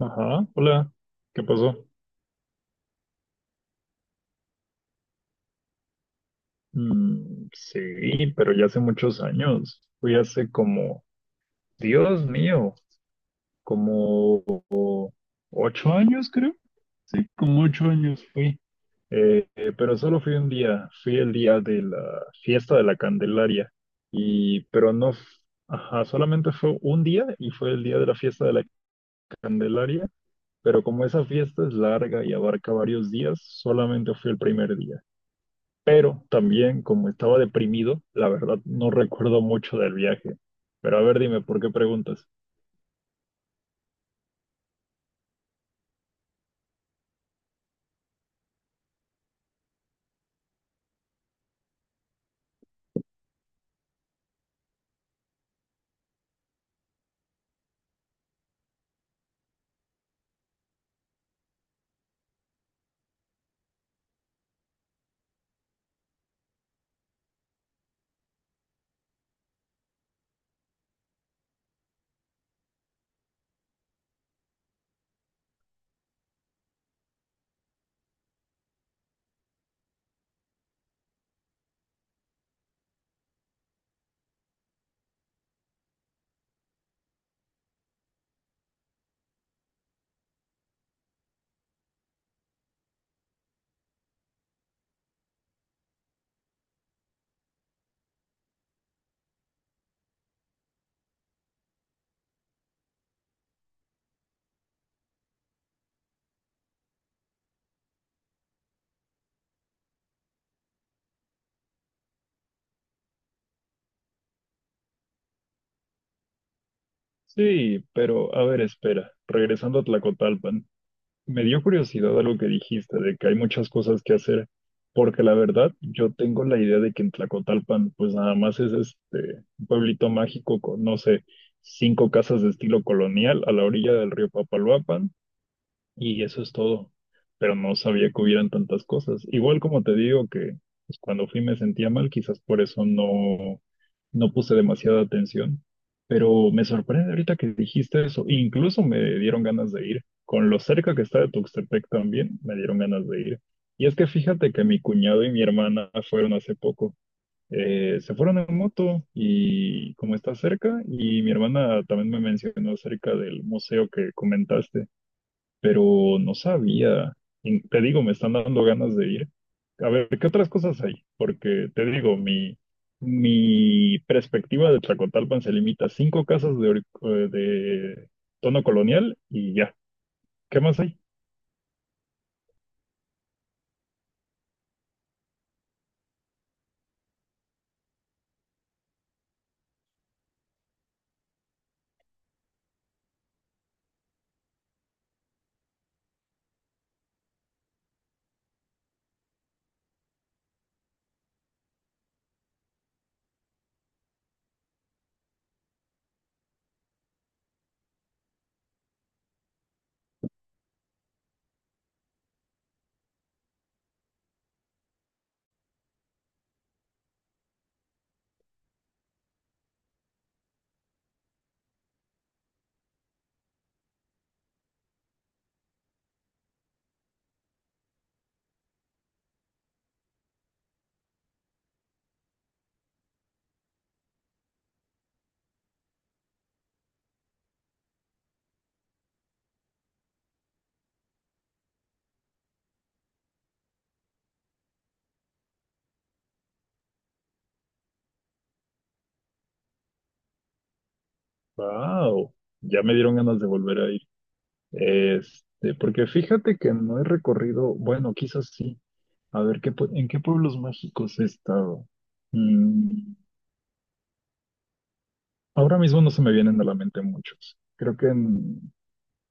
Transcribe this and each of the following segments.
Ajá, hola, ¿qué pasó? Sí, pero ya hace muchos años. Fui hace como, Dios mío, como 8 años, creo. Sí, como 8 años fui. Pero solo fui un día, fui el día de la fiesta de la Candelaria. Y, pero no, ajá, solamente fue un día y fue el día de la fiesta de la Candelaria. Pero como esa fiesta es larga y abarca varios días, solamente fui el primer día. Pero también, como estaba deprimido, la verdad no recuerdo mucho del viaje. Pero a ver, dime, ¿por qué preguntas? Sí, pero a ver, espera. Regresando a Tlacotalpan, me dio curiosidad algo que dijiste de que hay muchas cosas que hacer, porque la verdad yo tengo la idea de que en Tlacotalpan, pues nada más es un pueblito mágico con, no sé, 5 casas de estilo colonial a la orilla del río Papaloapan. Y eso es todo. Pero no sabía que hubieran tantas cosas. Igual como te digo que pues, cuando fui me sentía mal, quizás por eso no puse demasiada atención. Pero me sorprende ahorita que dijiste eso. Incluso me dieron ganas de ir. Con lo cerca que está de Tuxtepec también, me dieron ganas de ir. Y es que fíjate que mi cuñado y mi hermana fueron hace poco. Se fueron en moto y como está cerca, y mi hermana también me mencionó acerca del museo que comentaste, pero no sabía. Y te digo, me están dando ganas de ir. A ver, ¿qué otras cosas hay? Porque te digo, mi perspectiva de Tlacotalpan se limita a 5 casas de, de tono colonial y ya. ¿Qué más hay? ¡Wow! Ya me dieron ganas de volver a ir. Porque fíjate que no he recorrido, bueno, quizás sí. A ver, ¿qué, en qué pueblos mágicos he estado? Mm, Ahora mismo no se me vienen a la mente muchos. Creo que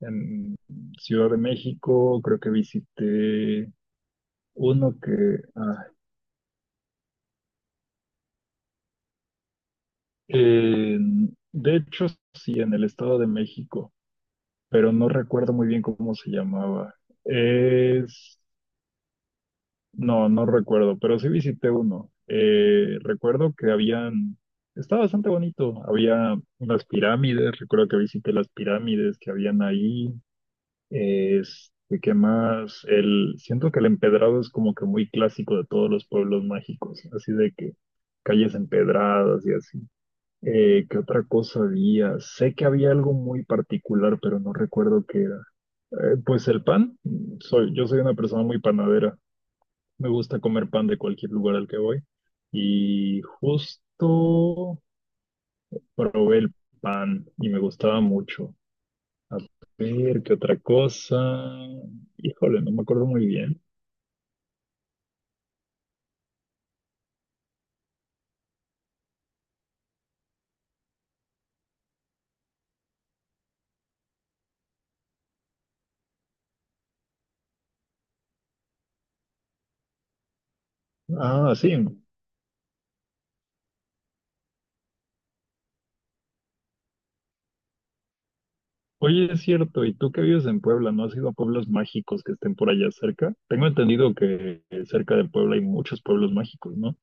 En Ciudad de México creo que visité uno que... de hecho, sí, en el Estado de México, pero no recuerdo muy bien cómo se llamaba. Es... No, no recuerdo, pero sí visité uno. Recuerdo que habían... Estaba bastante bonito. Había unas pirámides, recuerdo que visité las pirámides que habían ahí. ¿Qué más? El, siento que el empedrado es como que muy clásico de todos los pueblos mágicos, así de que calles empedradas y así. ¿Qué otra cosa había? Sé que había algo muy particular, pero no recuerdo qué era. Pues el pan, yo soy una persona muy panadera. Me gusta comer pan de cualquier lugar al que voy. Y justo probé el pan y me gustaba mucho. A ver, ¿qué otra cosa? Híjole, no me acuerdo muy bien. Ah, sí. Oye, es cierto, ¿y tú que vives en Puebla, no has ido a pueblos mágicos que estén por allá cerca? Tengo entendido que cerca de Puebla hay muchos pueblos mágicos, ¿no?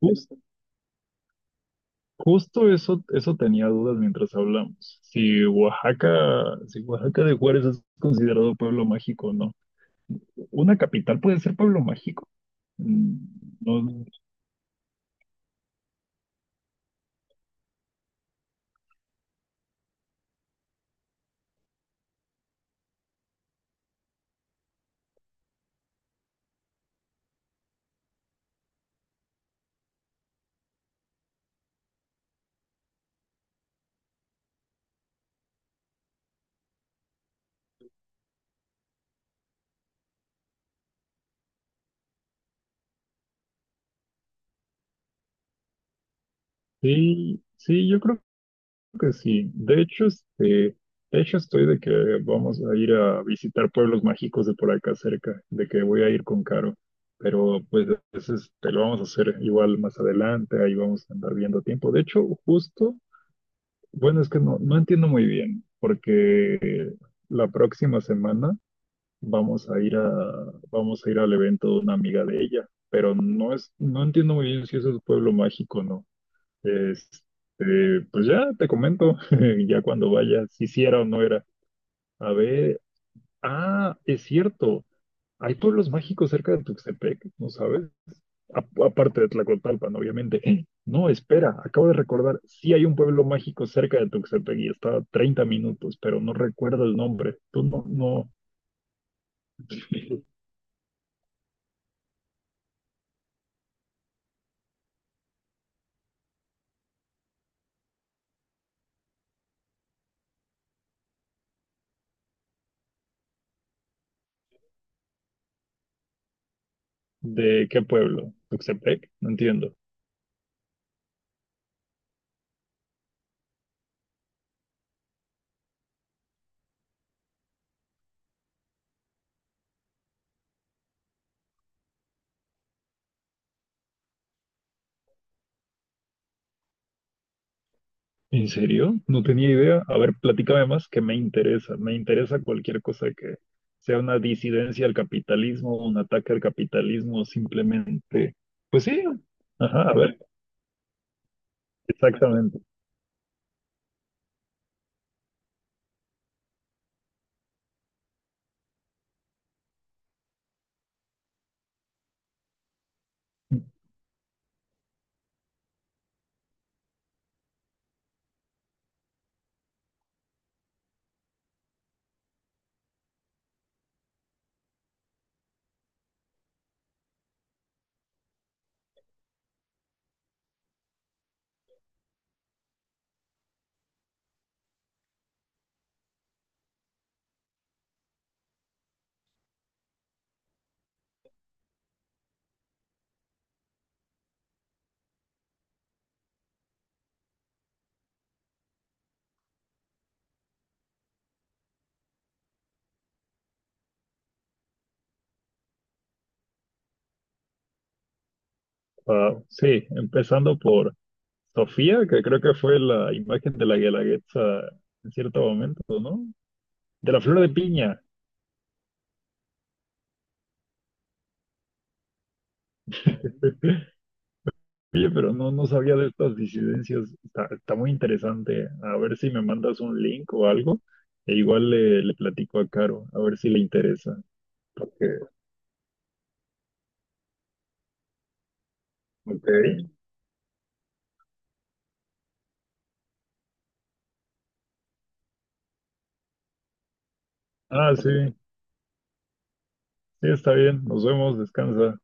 Jus- Justo, eso tenía dudas mientras hablamos. Si Oaxaca, si Oaxaca de Juárez es considerado pueblo mágico o no. Una capital puede ser pueblo mágico. Mm, No, Sí, sí, yo creo que sí. De hecho, de hecho estoy de que vamos a ir a visitar pueblos mágicos de por acá cerca, de que voy a ir con Caro. Pero pues te lo vamos a hacer igual más adelante, ahí vamos a andar viendo tiempo. De hecho, justo, bueno, es que no entiendo muy bien, porque la próxima semana vamos a ir a, vamos a ir al evento de una amiga de ella, pero no entiendo muy bien si eso es pueblo mágico o no. Pues ya te comento, ya cuando vayas, si sí era o no era. A ver, ah, es cierto, hay pueblos mágicos cerca de Tuxtepec, ¿no sabes? Aparte de Tlacotalpan, obviamente. No, espera, acabo de recordar, sí hay un pueblo mágico cerca de Tuxtepec y está a 30 minutos, pero no recuerdo el nombre. Tú no, no, ¿de qué pueblo? ¿Tuxtepec? No entiendo. ¿En serio? No tenía idea. A ver, platícame más, que me interesa. Me interesa cualquier cosa que sea una disidencia al capitalismo, un ataque al capitalismo, simplemente. Pues sí, ajá, a ver, exactamente. Wow, sí, empezando por Sofía, que creo que fue la imagen de la Guelaguetza en cierto momento, ¿no? De la flor de piña. Oye, pero no, no sabía de estas disidencias. Está muy interesante. A ver si me mandas un link o algo. Le platico a Caro, a ver si le interesa. Porque, ok. Ah, sí, sí, está bien. Nos vemos, descansa.